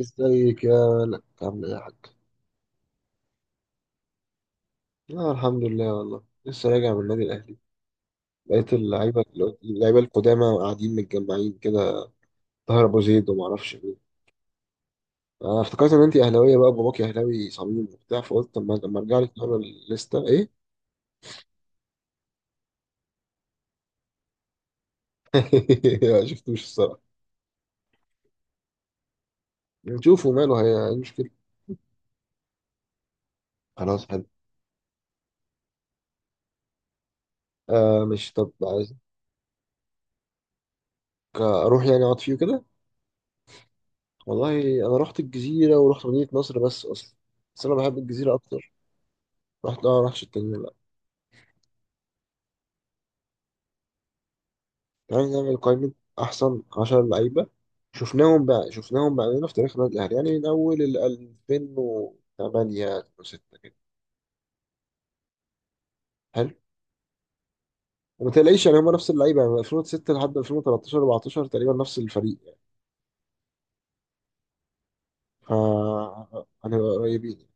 ازيك يا ملك، عامل ايه يا حاج؟ آه الحمد لله، والله لسه راجع من النادي الاهلي. لقيت اللعيبه، اللعيبه القدامى قاعدين متجمعين كده. طاهر ابو زيد وما اعرفش مين. انا افتكرت ان انت اهلاويه بقى، باباكي اهلاوي صميم وبتاع، فقلت طب ما لما ارجع لك نقرا الليسته ايه؟ ما شفتوش الصراحه. نشوفه، ماله؟ هي إيه المشكله؟ خلاص حلو. مش طب عايزك اروح يعني اقعد فيه كده. والله انا رحت الجزيره ورحت مدينه نصر بس اصلا. بس انا بحب الجزيره اكتر. رحت، رحت التانيين. تعالى نعمل قائمة، أحسن عشر لعيبة شفناهم بقى، في تاريخ النادي الأهلي، يعني من أول ال 2008، 2006 كده. حلو. وما تلاقيش يعني، هما نفس اللعيبة يعني من 2006 لحد 2013 14 تقريبا، نفس الفريق يعني. ف هنبقى قريبين يعني.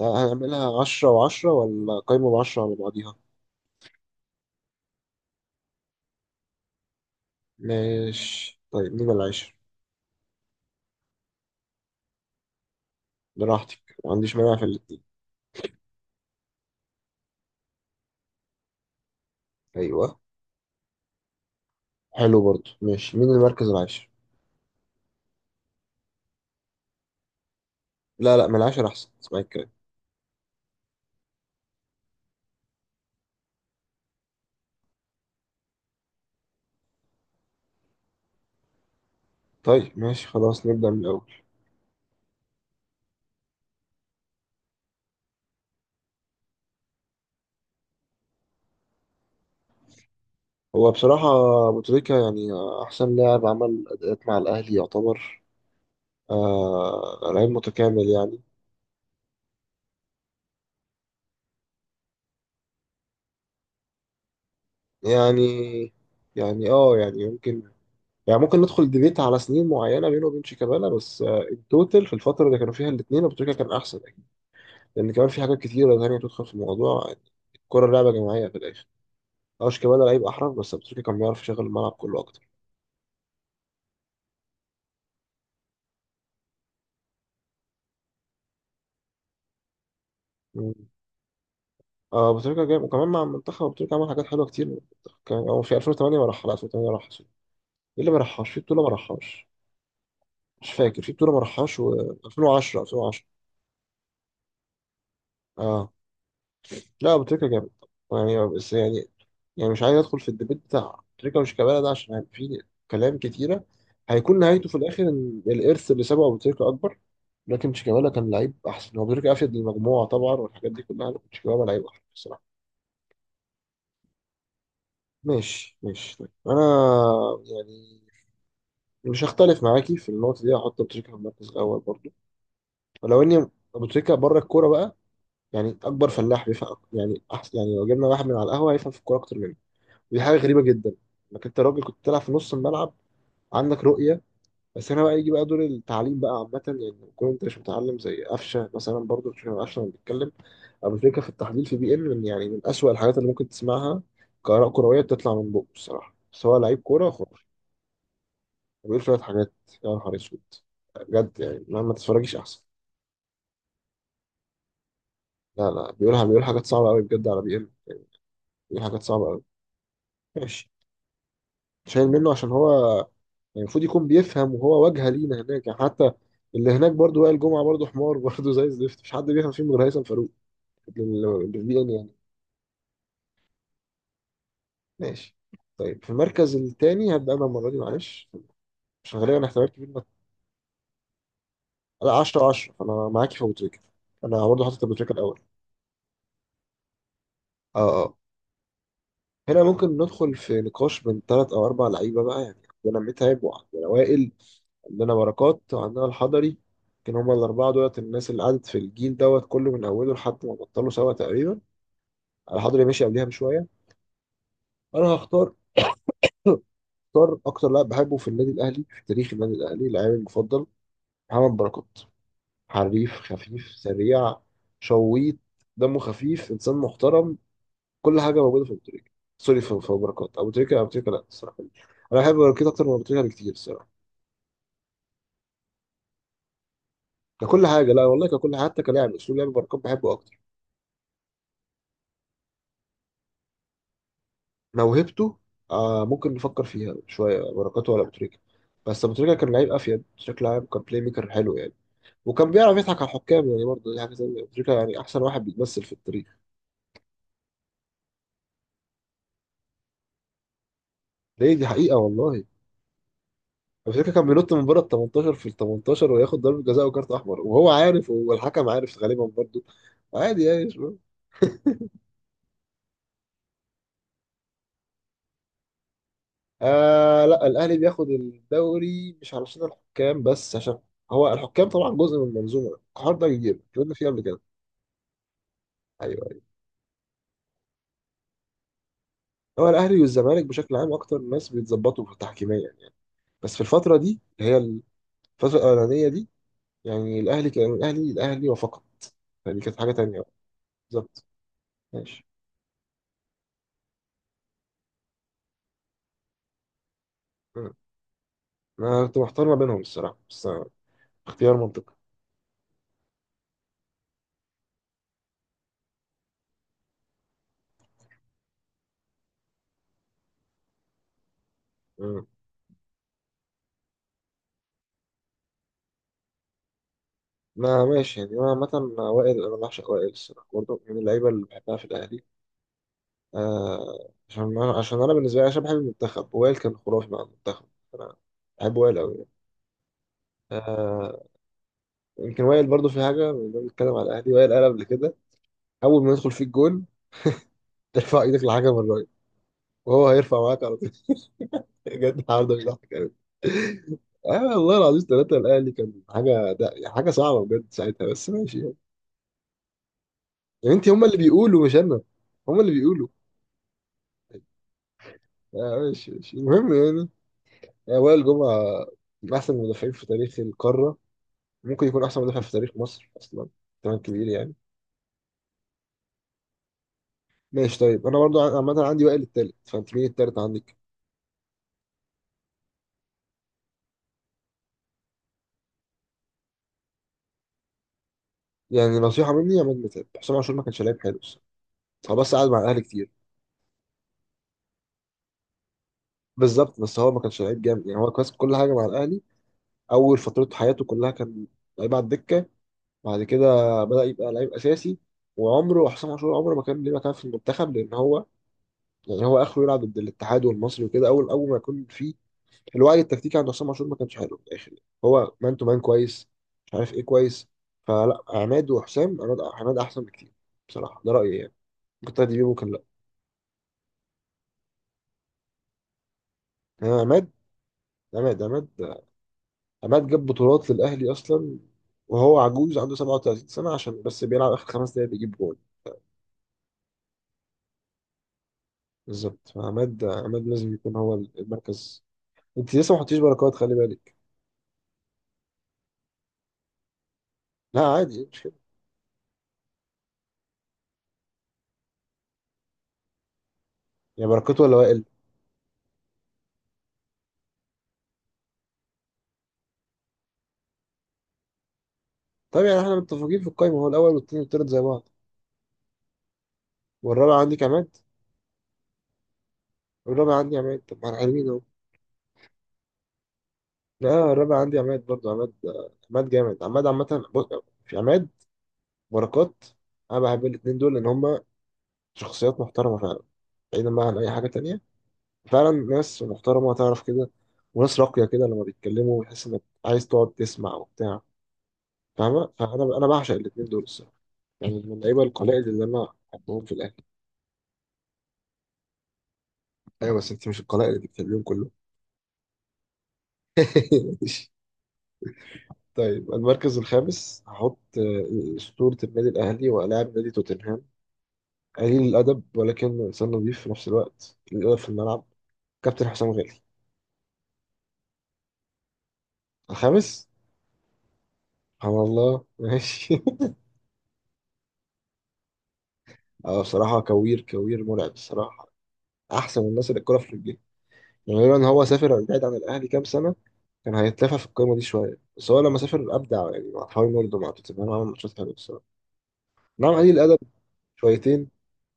هنعملها 10 و10، ولا قايمة ب 10 على بعضيها؟ ماشي طيب، مين العاشر؟ براحتك، ما عنديش مانع في الاتنين. أيوه. حلو برضو، ماشي مين المركز العاشر؟ لا لا، من العاشر أحسن، اسمعي الكلام. طيب ماشي خلاص، نبدأ من الأول. هو بصراحة أبو تريكة يعني، أحسن لاعب عمل أداءات مع الأهلي يعتبر. آه لعيب متكامل يعني. يعني يعني يمكن، يعني ممكن ندخل ديبيت على سنين معينة بينه وبين شيكابالا، بس آه التوتال في الفترة اللي كانوا فيها الاتنين أبو تريكة كان أحسن أكيد. لأن كمان في حاجات كتيرة تانية تدخل في الموضوع يعني، الكرة لعبة جماعية في الآخر. اه شيكابالا لعيب أحرف، بس أبو تريكة كان بيعرف يشغل الملعب كله أكتر. اه، ابو تريكه جايب، وكمان مع المنتخب ابو تريكه عمل حاجات حلوه كتير. كان هو في 2008، ما راح على 2008، راح ايه اللي ما راحش في بطوله ما راحش؟ مش فاكر في بطوله ما راحش. 2010، 2010. اه، لا ابو تريكه جامد يعني. بس يعني، يعني مش عايز ادخل في الديبيت بتاع تريكه وش كابالا ده، عشان يعني في كلام كتيره، هيكون نهايته في الاخر ان الارث اللي سابه ابو تريكه اكبر. لكن شيكابالا كان لعيب احسن. هو ابو تريكه افيد للمجموعه طبعا والحاجات دي كلها، لكن شيكابالا لعيب احسن بصراحه. ماشي طيب. انا يعني مش هختلف معاكي في النقطة دي، هحط أبو تريكة في المركز الأول برضو. ولو إني أبو تريكة بره الكورة بقى، يعني أكبر فلاح بيفهم يعني أحسن، يعني لو جبنا واحد من على القهوة هيفهم في الكورة أكتر مني. ودي حاجة غريبة جدا، إنك أنت راجل كنت بتلعب في نص الملعب، عندك رؤية. بس هنا بقى يجي بقى دور التعليم بقى عامة، يعني لما تكون أنت مش متعلم زي قفشة مثلا. برضو مش قفشة، لما بيتكلم أبو تريكة في التحليل في بي إم، من يعني من أسوأ الحاجات اللي ممكن تسمعها كآراء كروية بتطلع من بقه الصراحة، بس هو لعيب كورة خرافي. بيقول شوية حاجات، يا نهار أسود بجد. يعني ما تتفرجيش أحسن. لا لا بيقولها، بيقول حاجات صعبة أوي بجد على بي إم، بيقول حاجات صعبة أوي. ماشي. شايل منه عشان هو يعني المفروض يكون بيفهم، وهو واجهة لينا هناك يعني. حتى اللي هناك برضه وائل الجمعة برضه حمار برضه زي الزفت. مش حد بيفهم فيهم غير هيثم فاروق للبي إن يعني. ماشي. طيب في المركز التاني هبدأ أنا المرة دي معلش، عشان غالبا احتمال كبير لا 10 10، فأنا معاكي في أبو تريكة. أنا برضه حاطط أبو تريكة الأول. اه. هنا ممكن ندخل في نقاش من ثلاث او اربع لعيبه بقى يعني. عندنا متعب وعندنا وائل، عندنا بركات وعندنا الحضري. كان هما الاربعه دولت الناس اللي قعدت في الجيل دوت كله من اوله لحد ما بطلوا سوا تقريبا. الحضري ماشي قبلها بشويه. انا هختار، هختار اكتر لاعب بحبه في النادي الاهلي في تاريخ النادي الاهلي، لاعبي المفضل، محمد بركات. حريف، خفيف، سريع، شويط، دمه خفيف، انسان محترم. كل حاجه موجوده في ابو تريكه. سوري، في ابو تريكه لا الصراحه، انا بحب بركات اكتر من ابو تريكه بكتير الصراحه. ككل حاجه، لا والله ككل حاجة، حتى كلاعب اسلوب لعب بركات بحبه اكتر. موهبته، آه ممكن نفكر فيها شويه، بركات ولا ابو تريكه. بس ابو تريكه كان لعيب افيد بشكل عام، كان بلاي ميكر حلو يعني. وكان بيعرف يضحك على الحكام يعني. برضه دي حاجه زي ابو تريكه يعني احسن واحد بيتمثل في التاريخ. ليه؟ دي حقيقه والله. ابو تريكه كان بينط من بره ال 18، في ال 18، وياخد ضربه جزاء وكارت احمر، وهو عارف والحكم عارف غالبا برضه. عادي يعني. آه لا الاهلي بياخد الدوري مش علشان الحكام بس، عشان هو الحكام طبعا جزء من المنظومه، الحوار ده كبير اتكلمنا فيه قبل كده. ايوه. هو الاهلي والزمالك بشكل عام اكتر ناس بيتظبطوا في تحكيميا يعني. بس في الفتره دي اللي هي الفتره الاولانيه دي، يعني الاهلي كان الاهلي الاهلي وفقط. يعني كانت حاجه تانيه بقى. بالظبط. ماشي. مم. انا كنت محتار ما بينهم الصراحه، بس آه اختيار منطقي. مم. ما ماشي يعني، انا عامه وائل، انا بعشق وائل الصراحه برضه، من اللعيبه اللي بحبها في الاهلي. آه عشان انا، عشان انا بالنسبه لي، عشان بحب المنتخب، وائل كان خرافي مع المنتخب. انا بحب وائل قوي يعني. آه، يمكن وائل برضو في حاجه، لما بنتكلم على الاهلي وائل قال قبل كده اول ما يدخل فيك جون ترفع ايدك لحاجه من الراجل وهو هيرفع معاك على طول. بجد النهارده مش ضحك قوي. آه والله العظيم ثلاثة الأهلي كان حاجة، ده حاجة صعبة بجد ساعتها، بس ماشي يعني. يعني أنت هما اللي بيقولوا مش أنا، هما اللي بيقولوا. آه ماشي ماشي المهم يعني. آه، وائل جمعة من أحسن المدافعين في تاريخ القارة، ممكن يكون احسن مدافع في تاريخ مصر اصلا. كمان كبير يعني. ماشي طيب. انا برضو عامه عندي وائل التالت، فانت مين التالت عندك؟ يعني نصيحه مني، يا عماد متعب. حسام عاشور ما كانش لعيب حلو الصراحة. هو بس قعد مع الاهلي كتير. بالظبط، بس هو ما كانش لعيب جامد يعني. هو كويس في كل حاجه مع الاهلي. اول فتره حياته كلها كان لعيب على الدكه، بعد كده بدا يبقى لعيب اساسي. وعمره حسام عاشور عمره ما كان ليه مكان في المنتخب، لان هو يعني هو اخره يلعب ضد الاتحاد والمصري وكده. اول ما يكون في الوعي التكتيكي عند عصام عاشور ما كانش حلو في الاخر. هو مان تو مان كويس، مش عارف ايه كويس. فلا عماد وحسام، عماد احسن بكتير بصراحه، ده رايي يعني. ممكن تاخد بيه، ممكن لا. انا عماد. عماد عماد عماد جاب بطولات للاهلي اصلا، وهو عجوز عنده 37 سنه، عشان بس بيلعب اخر خمس دقايق بيجيب جول. بالظبط. فعماد، لازم يكون هو المركز. انت لسه ما حطيتش بركات، خلي بالك. لا عادي، مش كده. يعني بركات ولا وائل؟ طب يعني احنا متفقين في القايمه، هو الاول والثاني والثالث زي بعض. والرابع عندك عماد. الرابع عندي عماد، طب ما انا حلوين اهو. لا الرابع عندي عماد برضه. عماد آه، عماد جامد. عماد عامة بص، في عماد، بركات، انا بحب الاتنين دول لان هما شخصيات محترمة فعلا، بعيدا بقى عن اي حاجة تانية. فعلا ناس محترمة، تعرف كده، وناس راقية كده، لما بيتكلموا بتحس انك عايز تقعد تسمع وبتاع. فاهمة؟ فانا بعشق الاتنين دول الصراحة، يعني من اللعيبة القلائل اللي انا بحبهم في الاهلي. ايوه بس انت مش القلائل اللي بتحبيهم كلهم. طيب المركز الخامس هحط آه، أسطورة النادي الأهلي ولاعب نادي توتنهام، قليل الأدب ولكنه إنسان نظيف في نفس الوقت، قليل الأدب في الملعب، كابتن حسام غالي. الخامس. سبحان الله ماشي. آه، بصراحة كوير مرعب الصراحة، أحسن من الناس اللي الكورة في رجليه يعني. لولا إن هو سافر بعيد عن الأهلي كام سنة كان هيتلافى في القايمة دي شوية، بس هو لما سافر أبدع يعني، مع حوالي برضه مع توتنهام عمل ماتشات حلوة الصراحة. نعم قليل الأدب شويتين.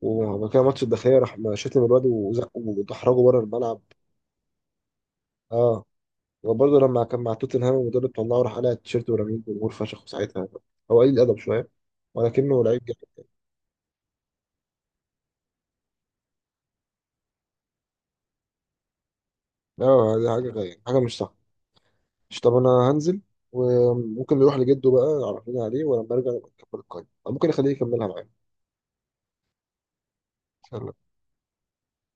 وبعد كده ماتش الداخلية راح شتم الواد وزقه ودحرجه بره الملعب. اه، وبرضه لما كان مع توتنهام المدرب طلعه راح قلع التيشيرت ورميه الجمهور فشخ ساعتها. هو قليل الادب شويه، ولكنه لعيب جامد. اه دي حاجه غير حاجه، مش صح؟ مش طب انا هنزل، وممكن نروح لجده بقى عرفنا عليه، ولما ارجع نبقى نكمل القايمه، أو ممكن اخليه يكملها معايا. يلا.